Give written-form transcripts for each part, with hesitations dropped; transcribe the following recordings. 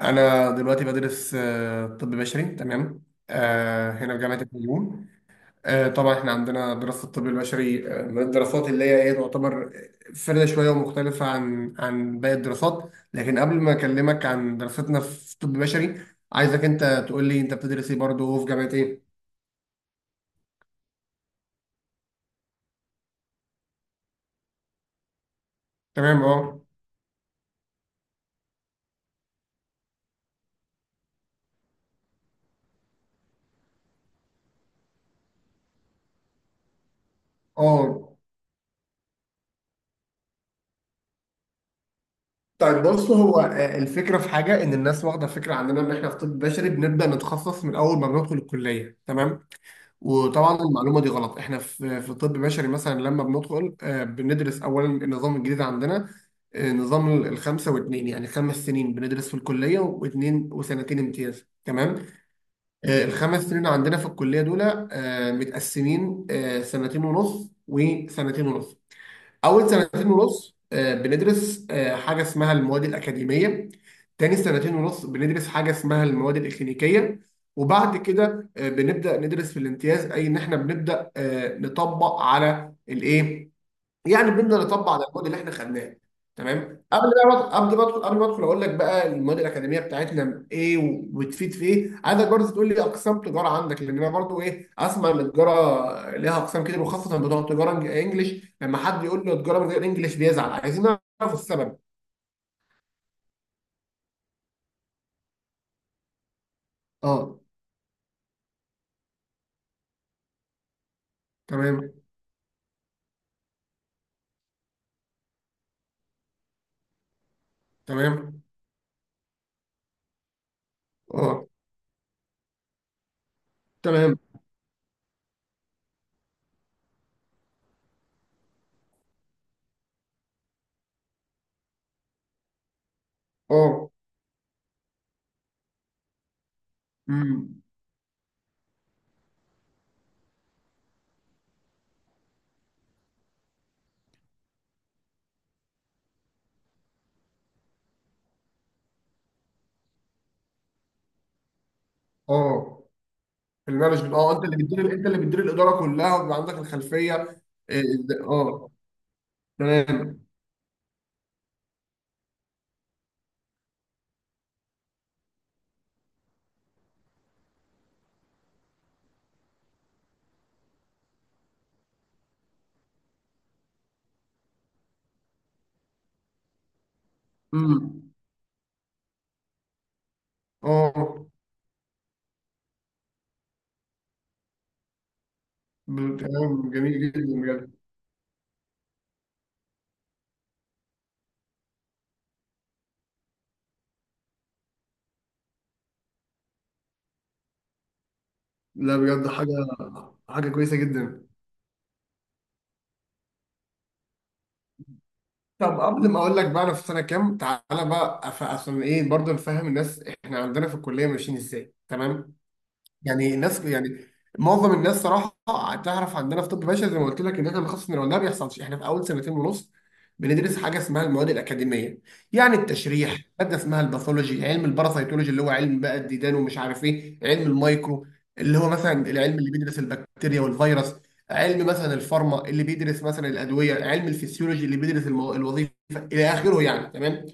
أنا دلوقتي بدرس طب بشري. تمام. هنا في جامعة الفيوم. طبعا احنا عندنا دراسة الطب البشري من الدراسات اللي هي ايه تعتبر فريدة شوية ومختلفة عن باقي الدراسات، لكن قبل ما أكلمك عن دراستنا في طب بشري عايزك أنت تقول لي أنت بتدرس ايه برضه وفي جامعة ايه؟ تمام. اه. اه، طيب بص، هو الفكرة في حاجة إن الناس واخدة فكرة عندنا إن إحنا في طب بشري بنبدأ نتخصص من أول ما بندخل الكلية، تمام. وطبعا المعلومه دي غلط، احنا في طب بشري مثلا لما بندخل بندرس اولا النظام الجديد عندنا. نظام الخمسه واثنين، يعني 5 سنين بندرس في الكليه واثنين وسنتين امتياز. تمام. الخمس سنين عندنا في الكليه دول متقسمين سنتين ونص وسنتين ونص. اول سنتين ونص بندرس حاجه اسمها المواد الاكاديميه. تاني سنتين ونص بندرس حاجه اسمها المواد الاكلينيكيه. وبعد كده بنبدا ندرس في الامتياز، اي ان احنا بنبدا نطبق على الايه، يعني بدنا نطبق على الموديل اللي احنا خدناه. تمام. قبل بقى قبل ما ادخل قبل ما ادخل اقول لك بقى المواد الاكاديميه بتاعتنا ايه وبتفيد في ايه، عايزك برضه تقول لي اقسام تجاره عندك، لان انا برضه ايه اسمع ان التجاره ليها اقسام كتير وخاصه بتوع تجاره انجليش، لما حد يقول له تجاره من غير انجليش بيزعل، عايزين نعرف السبب. اه. تمام. تمام. اه. تمام. اه. امم. اه، المانجمنت، اه انت اللي بتدير، انت اللي بتدير الاداره كلها وبيبقى عندك الخلفيه. اه. تمام. امم. اه، كلام جميل جدا بجد. لا بجد، حاجه كويسه جدا. طب قبل ما اقول لك بقى انا في سنه كام، تعالى بقى عشان ايه برضه نفهم الناس احنا عندنا في الكليه ماشيين ازاي. تمام. يعني الناس، يعني معظم الناس صراحه، تعرف عندنا في طب بشري زي ما قلت لك ان احنا بنخصص من الولاده، ما بيحصلش. احنا في اول سنتين ونص بندرس حاجه اسمها المواد الاكاديميه. يعني التشريح، ماده اسمها الباثولوجي، علم الباراسيتولوجي اللي هو علم بقى الديدان، ومش عارف ايه، علم المايكرو اللي هو مثلا العلم اللي بيدرس البكتيريا والفيروس، علم مثلا الفارما اللي بيدرس مثلا الادويه، علم الفسيولوجي اللي بيدرس الوظيفه، الى اخره يعني. تمام.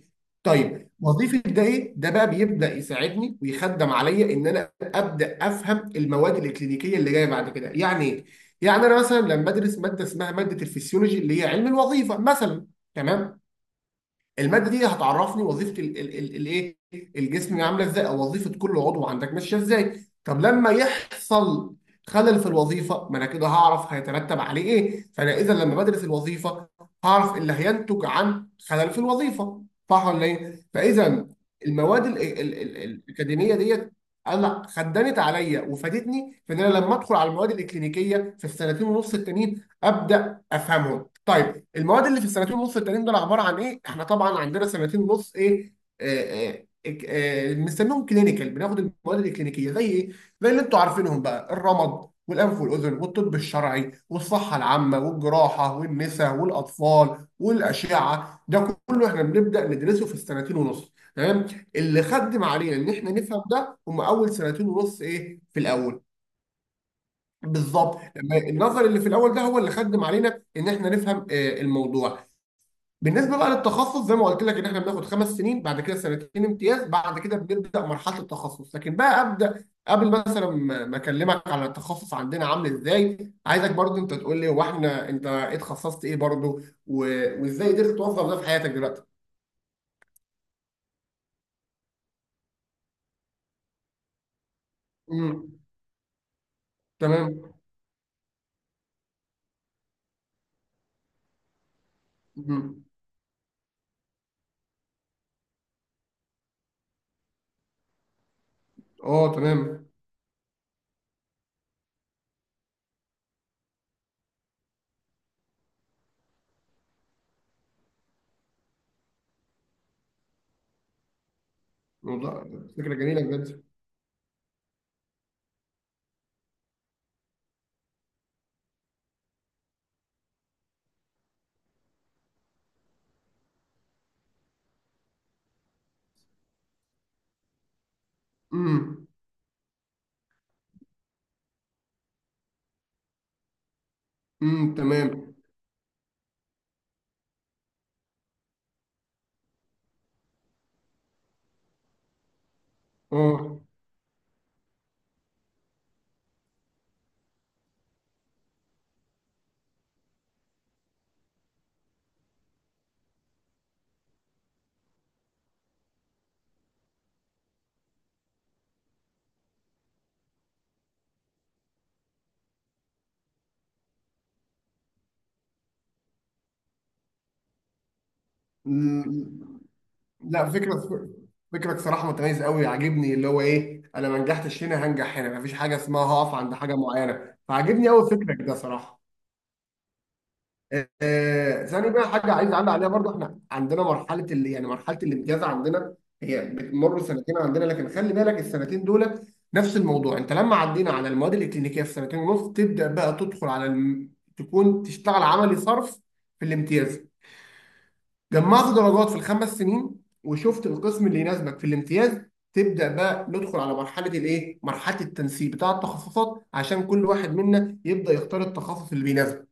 طيب وظيفه ده ايه، ده بقى بيبدا يساعدني ويخدم عليا ان انا ابدا افهم المواد الاكلينيكيه اللي جايه بعد كده يعني ايه. يعني انا مثلا لما بدرس ماده اسمها ماده الفسيولوجي اللي هي علم الوظيفه مثلا، تمام، الماده دي هتعرفني وظيفه الايه، الجسم عامله ازاي، او وظيفه كل عضو عندك ماشيه ازاي. طب لما يحصل خلل في الوظيفه، ما انا كده هعرف هيترتب عليه ايه. فانا اذا لما بدرس الوظيفه، هعرف اللي هينتج عن خلل في الوظيفه، صح ولا ايه؟ فاذا المواد الاكاديميه ديت انا خدمت عليا وفادتني في ان انا لما ادخل على المواد الاكلينيكيه في السنتين ونص التانيين ابدا افهمهم. طيب المواد اللي في السنتين ونص التانيين دول عباره عن ايه؟ احنا طبعا عندنا سنتين ونص ايه؟ آه، آه، بنسميهم كلينيكال، بناخد المواد الكلينيكيه زي ايه؟ زي اللي انتوا عارفينهم بقى، الرمد والانف والاذن والطب الشرعي والصحه العامه والجراحه والنساء والاطفال والاشعه، ده كله احنا بنبدا ندرسه في السنتين ونص، تمام؟ اللي خدم علينا ان احنا نفهم ده هم اول سنتين ونص ايه؟ في الاول. بالظبط لما النظر اللي في الاول ده هو اللي خدم علينا ان احنا نفهم الموضوع. بالنسبه بقى للتخصص، زي ما قلت لك ان احنا بناخد 5 سنين، بعد كده سنتين امتياز، بعد كده بنبدا مرحله التخصص. لكن بقى ابدا قبل مثلا ما اكلمك على التخصص عندنا عامل ازاي، عايزك برضو انت تقول لي هو احنا انت ايه اتخصصت ايه برضو وازاي قدرت توظف ده في حياتك دلوقتي. امم. تمام. امم. اه. تمام. موضوع، فكره جميله بجد. امم. امم. تمام. اه. لا، فكرة فكرك صراحة متميز قوي، عاجبني اللي هو ايه، انا ما نجحتش هنا، هنجح هنا، مفيش حاجة اسمها هقف عند حاجة معينة. فعاجبني قوي فكرك ده صراحة. آه، ثاني بقى حاجة عايز اعلق عليها برضو، احنا عندنا مرحلة اللي يعني مرحلة الامتياز عندنا، هي بتمر سنتين عندنا. لكن خلي بالك السنتين دول نفس الموضوع، انت لما عدينا على المواد الاكلينيكية في سنتين ونص تبدأ بقى تدخل على تكون تشتغل عملي صرف في الامتياز. جمعت درجات في الخمس سنين وشفت القسم اللي يناسبك في الامتياز، تبدأ بقى ندخل على مرحلة الايه؟ مرحلة التنسيق بتاع التخصصات عشان كل واحد منا يبدأ يختار التخصص اللي بيناسبه،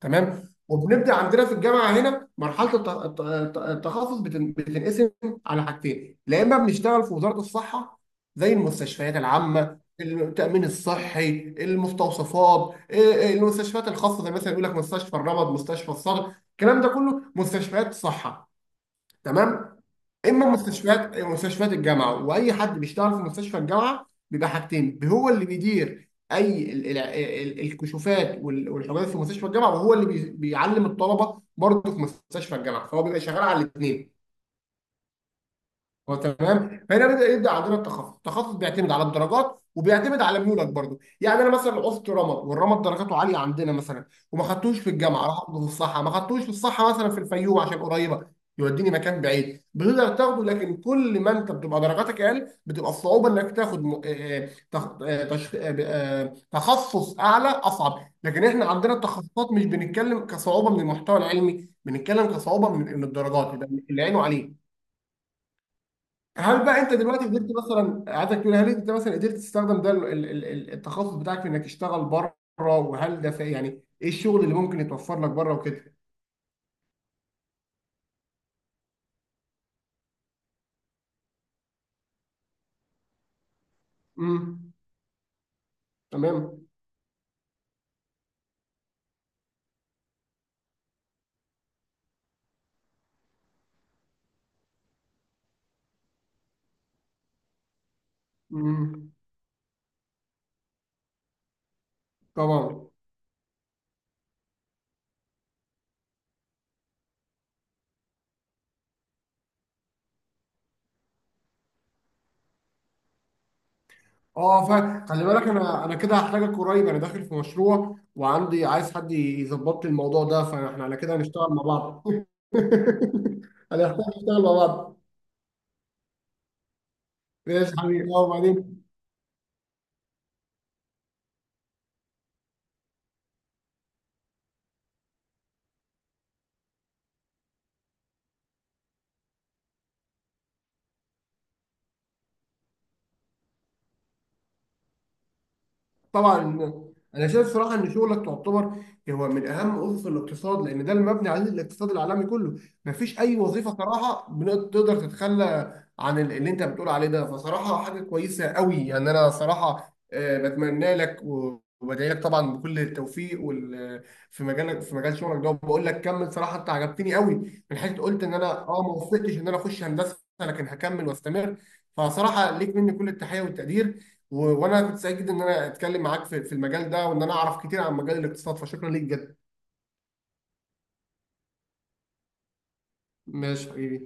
تمام؟ وبنبدأ عندنا في الجامعة هنا مرحلة التخصص بتنقسم على حاجتين، لا إما بنشتغل في وزارة الصحة زي المستشفيات العامة، التأمين الصحي، المستوصفات، إيه، المستشفيات الخاصة زي مثلا يقول لك مستشفى الرمد، مستشفى الصدر، الكلام ده كله مستشفيات صحة. تمام. اما مستشفيات الجامعه، واي حد بيشتغل في مستشفى الجامعه بيبقى حاجتين، هو اللي بيدير اي الكشوفات والحاجات في مستشفى الجامعه، وهو اللي بيعلم الطلبه برضه في مستشفى الجامعه، فهو بيبقى شغال على الاثنين. هو تمام. فهنا بدا يبدا عندنا التخصص، التخصص بيعتمد على الدرجات وبيعتمد على ميولك برضو. يعني انا مثلا عوزت رمد والرمد درجاته عاليه عندنا مثلا، وما خدتوش في الجامعه، راح اخده في الصحه، ما خدتوش في الصحه مثلا في الفيوم عشان قريبه، يوديني مكان بعيد بتقدر تاخده. لكن كل ما انت بتبقى درجاتك اقل بتبقى الصعوبه انك تاخد م... آه، آه، تخ... آه، تش... آه، آه، تخصص اعلى اصعب. لكن احنا عندنا التخصصات مش بنتكلم كصعوبه من المحتوى العلمي، بنتكلم كصعوبه من الدرجات، يبقى اللي عينه عليه. هل بقى انت دلوقتي قدرت مثلا، عايزك تقول هل انت مثلا قدرت تستخدم ده التخصص بتاعك في انك تشتغل بره، وهل ده في يعني ايه الشغل اللي ممكن يتوفر لك بره وكده. امم. تمام. امم. طبعا. اه، فا خلي بالك، انا كده هحتاجك قريب، انا داخل في مشروع وعندي عايز حد يظبط لي الموضوع ده، فاحنا على كده هنشتغل مع بعض. هنحتاج نشتغل مع بعض. ماشي يا حبيبي، اه وبعدين. طبعا، انا شايف صراحه ان شغلك تعتبر هو من اهم اسس الاقتصاد لان ده المبني عليه الاقتصاد العالمي كله. مفيش اي وظيفه صراحه تقدر تتخلى عن اللي انت بتقول عليه ده. فصراحه حاجه كويسه قوي، يعني انا صراحه بتمنى لك وبدعي لك طبعا بكل التوفيق وال في مجالك، في مجال شغلك ده، وبقول لك كمل صراحه انت عجبتني قوي، من حيث قلت ان انا اه ما وفقتش ان انا اخش هندسه لكن هكمل واستمر. فصراحه ليك مني كل التحيه والتقدير، وانا كنت سعيد ان انا اتكلم معاك في المجال ده وان انا اعرف كتير عن مجال الاقتصاد، فشكرا ليك جدا. ماشي حبيبي.